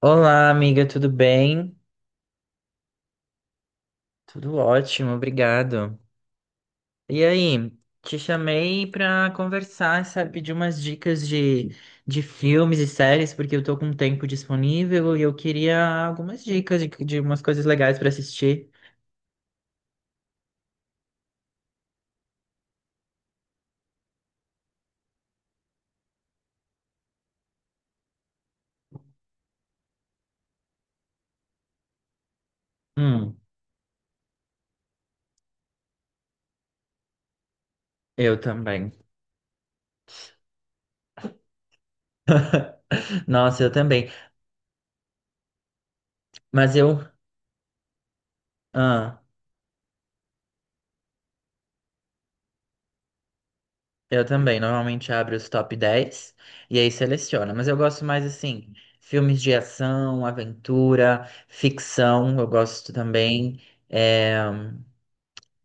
Olá, amiga, tudo bem? Tudo ótimo, obrigado. E aí, te chamei para conversar, sabe, pedir umas dicas de, filmes e séries, porque eu tô com um tempo disponível e eu queria algumas dicas de, umas coisas legais para assistir. Hum, eu também. Nossa, eu também. Mas eu. ah, Eu também, normalmente abro os top 10 e aí seleciono. Mas eu gosto mais assim, filmes de ação, aventura, ficção, eu gosto também, é,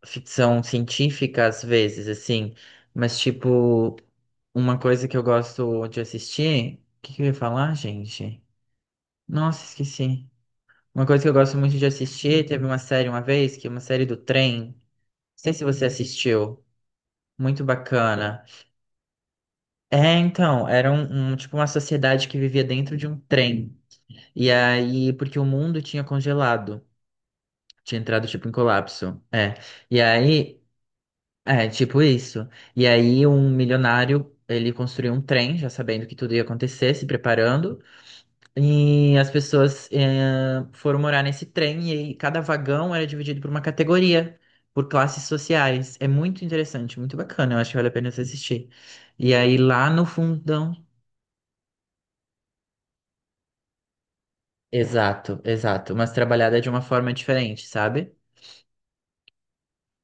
ficção científica às vezes, assim, mas tipo, uma coisa que eu gosto de assistir. O que que eu ia falar, gente? Nossa, esqueci. Uma coisa que eu gosto muito de assistir, teve uma série uma vez, que é uma série do trem. Não sei se você assistiu. Muito bacana. É, então, era tipo uma sociedade que vivia dentro de um trem. E aí, porque o mundo tinha congelado, tinha entrado tipo em colapso. É. E aí, é, tipo isso. E aí um milionário, ele construiu um trem, já sabendo que tudo ia acontecer, se preparando, e as pessoas foram morar nesse trem e aí cada vagão era dividido por uma categoria, por classes sociais. É muito interessante, muito bacana, eu acho que vale a pena você assistir. E aí lá no fundão. Exato, exato. Mas trabalhada de uma forma diferente, sabe?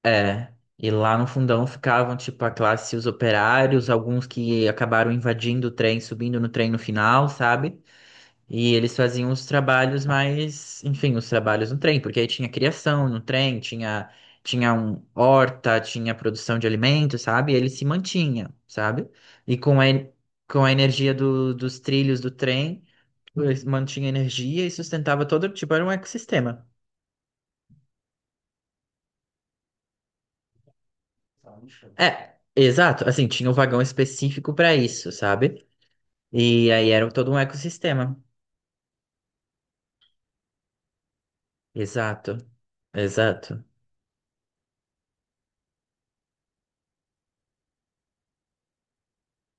É. E lá no fundão ficavam, tipo, a classe, os operários, alguns que acabaram invadindo o trem, subindo no trem no final, sabe? E eles faziam os trabalhos mais, enfim, os trabalhos no trem, porque aí tinha criação no trem, tinha um horta, tinha produção de alimentos, sabe? E ele se mantinha, sabe? E com a energia dos trilhos do trem, eles mantinha energia e sustentava todo, tipo, era um ecossistema. É, exato. Assim, tinha um vagão específico para isso, sabe? E aí era todo um ecossistema. Exato, exato.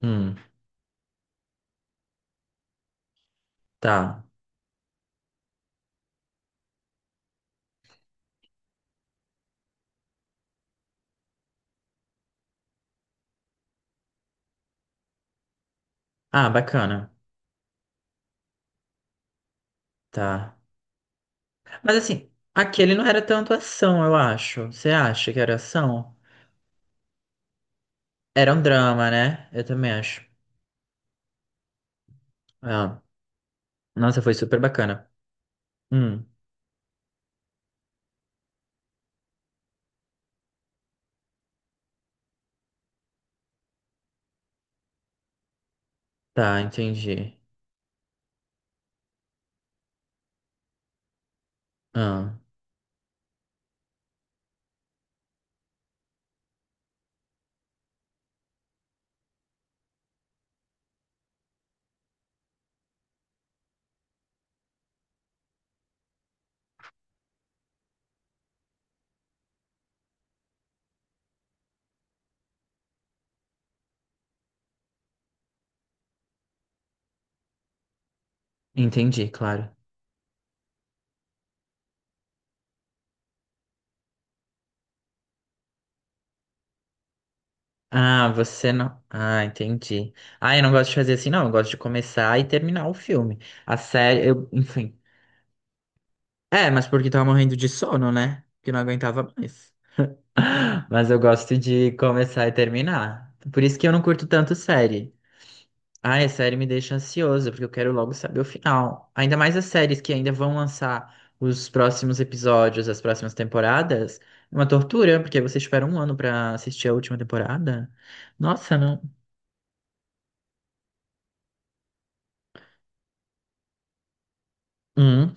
Hum, tá. Ah, bacana. Tá. Mas assim, aquele não era tanto ação, eu acho. Você acha que era ação? Era um drama, né? Eu também acho. Ah, nossa, foi super bacana. Hum, tá, entendi. Ah, entendi, claro. Ah, você não. Ah, entendi. Ah, eu não gosto de fazer assim, não. Eu gosto de começar e terminar o filme. A série, eu, enfim. É, mas porque tava morrendo de sono, né? Que não aguentava mais. Mas eu gosto de começar e terminar. Por isso que eu não curto tanto série. Ah, a série me deixa ansioso, porque eu quero logo saber o final. Ainda mais as séries que ainda vão lançar os próximos episódios, as próximas temporadas. É uma tortura, porque você espera um ano pra assistir a última temporada. Nossa, não. Hum.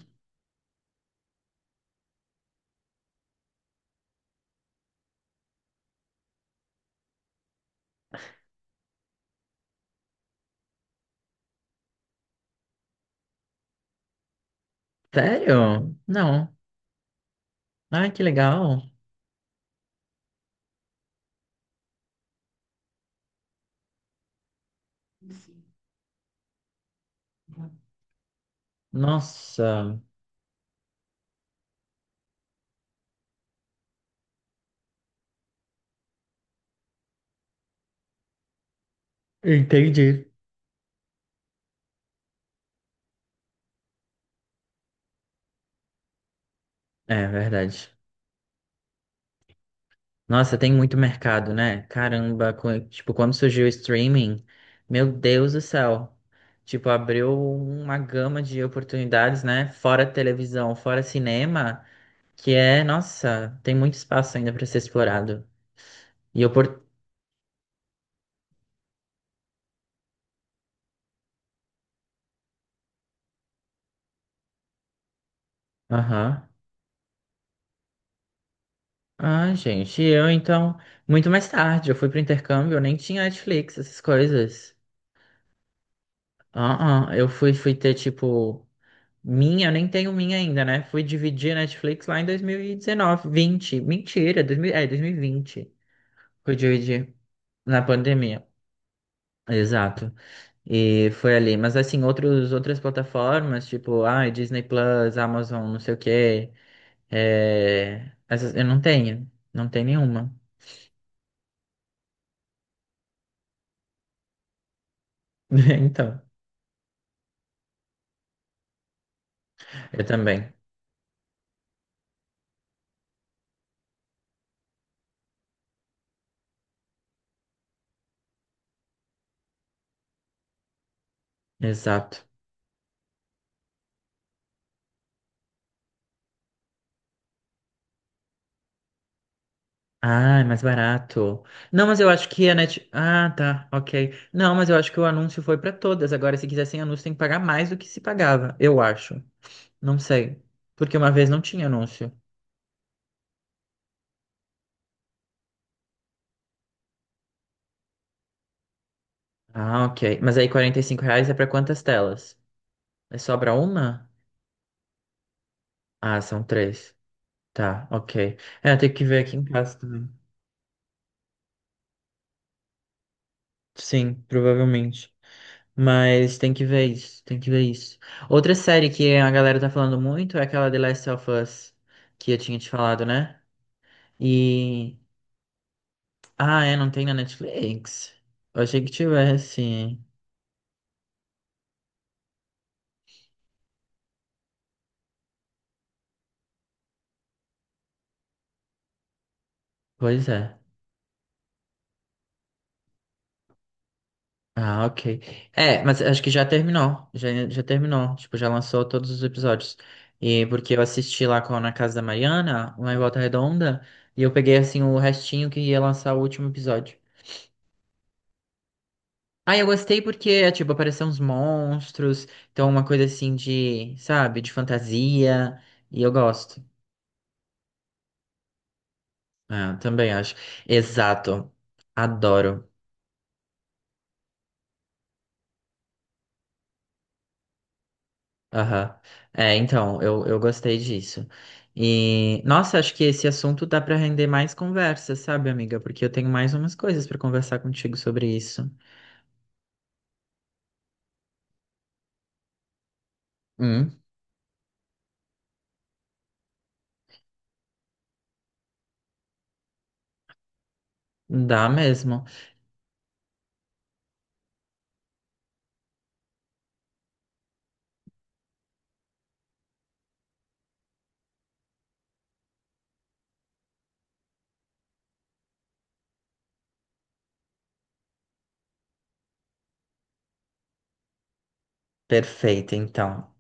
Sério? Não. Ai, que legal. Nossa, entendi. É verdade. Nossa, tem muito mercado, né? Caramba, tipo, quando surgiu o streaming, meu Deus do céu. Tipo, abriu uma gama de oportunidades, né? Fora televisão, fora cinema, que é, nossa, tem muito espaço ainda para ser explorado. E eu por... Aham. Ah, gente, eu então, muito mais tarde, eu fui pro intercâmbio, eu nem tinha Netflix, essas coisas. Eu fui, tipo, minha, eu nem tenho minha ainda, né? Fui dividir a Netflix lá em 2019, 20 Mentira, 2020. Fui dividir na pandemia. Exato. E foi ali. Mas, assim, outras plataformas, tipo, ah, Disney Plus, Amazon, não sei o quê. É, essas, eu não tenho. Não tenho nenhuma. Então, eu também. Exato. Ah, é mais barato. Não, mas eu acho que a Net... Ah, tá, ok. Não, mas eu acho que o anúncio foi pra todas. Agora, se quiser sem anúncio, tem que pagar mais do que se pagava, eu acho. Não sei. Porque uma vez não tinha anúncio. Ah, ok. Mas aí R$ 45 é pra quantas telas? É só pra uma? Ah, são 3. Tá, ok. É, tem que ver aqui em casa também. Sim, provavelmente. Mas tem que ver isso, tem que ver isso. Outra série que a galera tá falando muito é aquela The Last of Us, que eu tinha te falado, né? E. Ah, é, não tem na Netflix. Eu achei que tivesse. Pois é. Ah, ok. É, mas acho que já terminou. Já terminou. Tipo, já lançou todos os episódios. E porque eu assisti lá com, na casa da Mariana, lá em Volta Redonda, e eu peguei assim o restinho que ia lançar o último episódio. Ah, eu gostei porque, é, tipo, apareceram uns monstros, então uma coisa assim de, sabe, de fantasia. E eu gosto. É, eu também acho. Exato. Adoro. Aham. É, então, eu gostei disso. E, nossa, acho que esse assunto dá para render mais conversa, sabe, amiga? Porque eu tenho mais umas coisas para conversar contigo sobre isso. Hum, dá mesmo. Perfeito, então.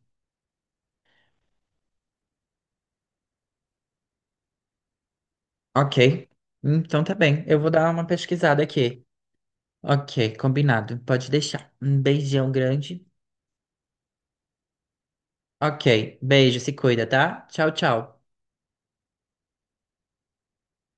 Ok. Então tá bem. Eu vou dar uma pesquisada aqui. Ok, combinado. Pode deixar. Um beijão grande. Ok, beijo, se cuida, tá? Tchau, tchau.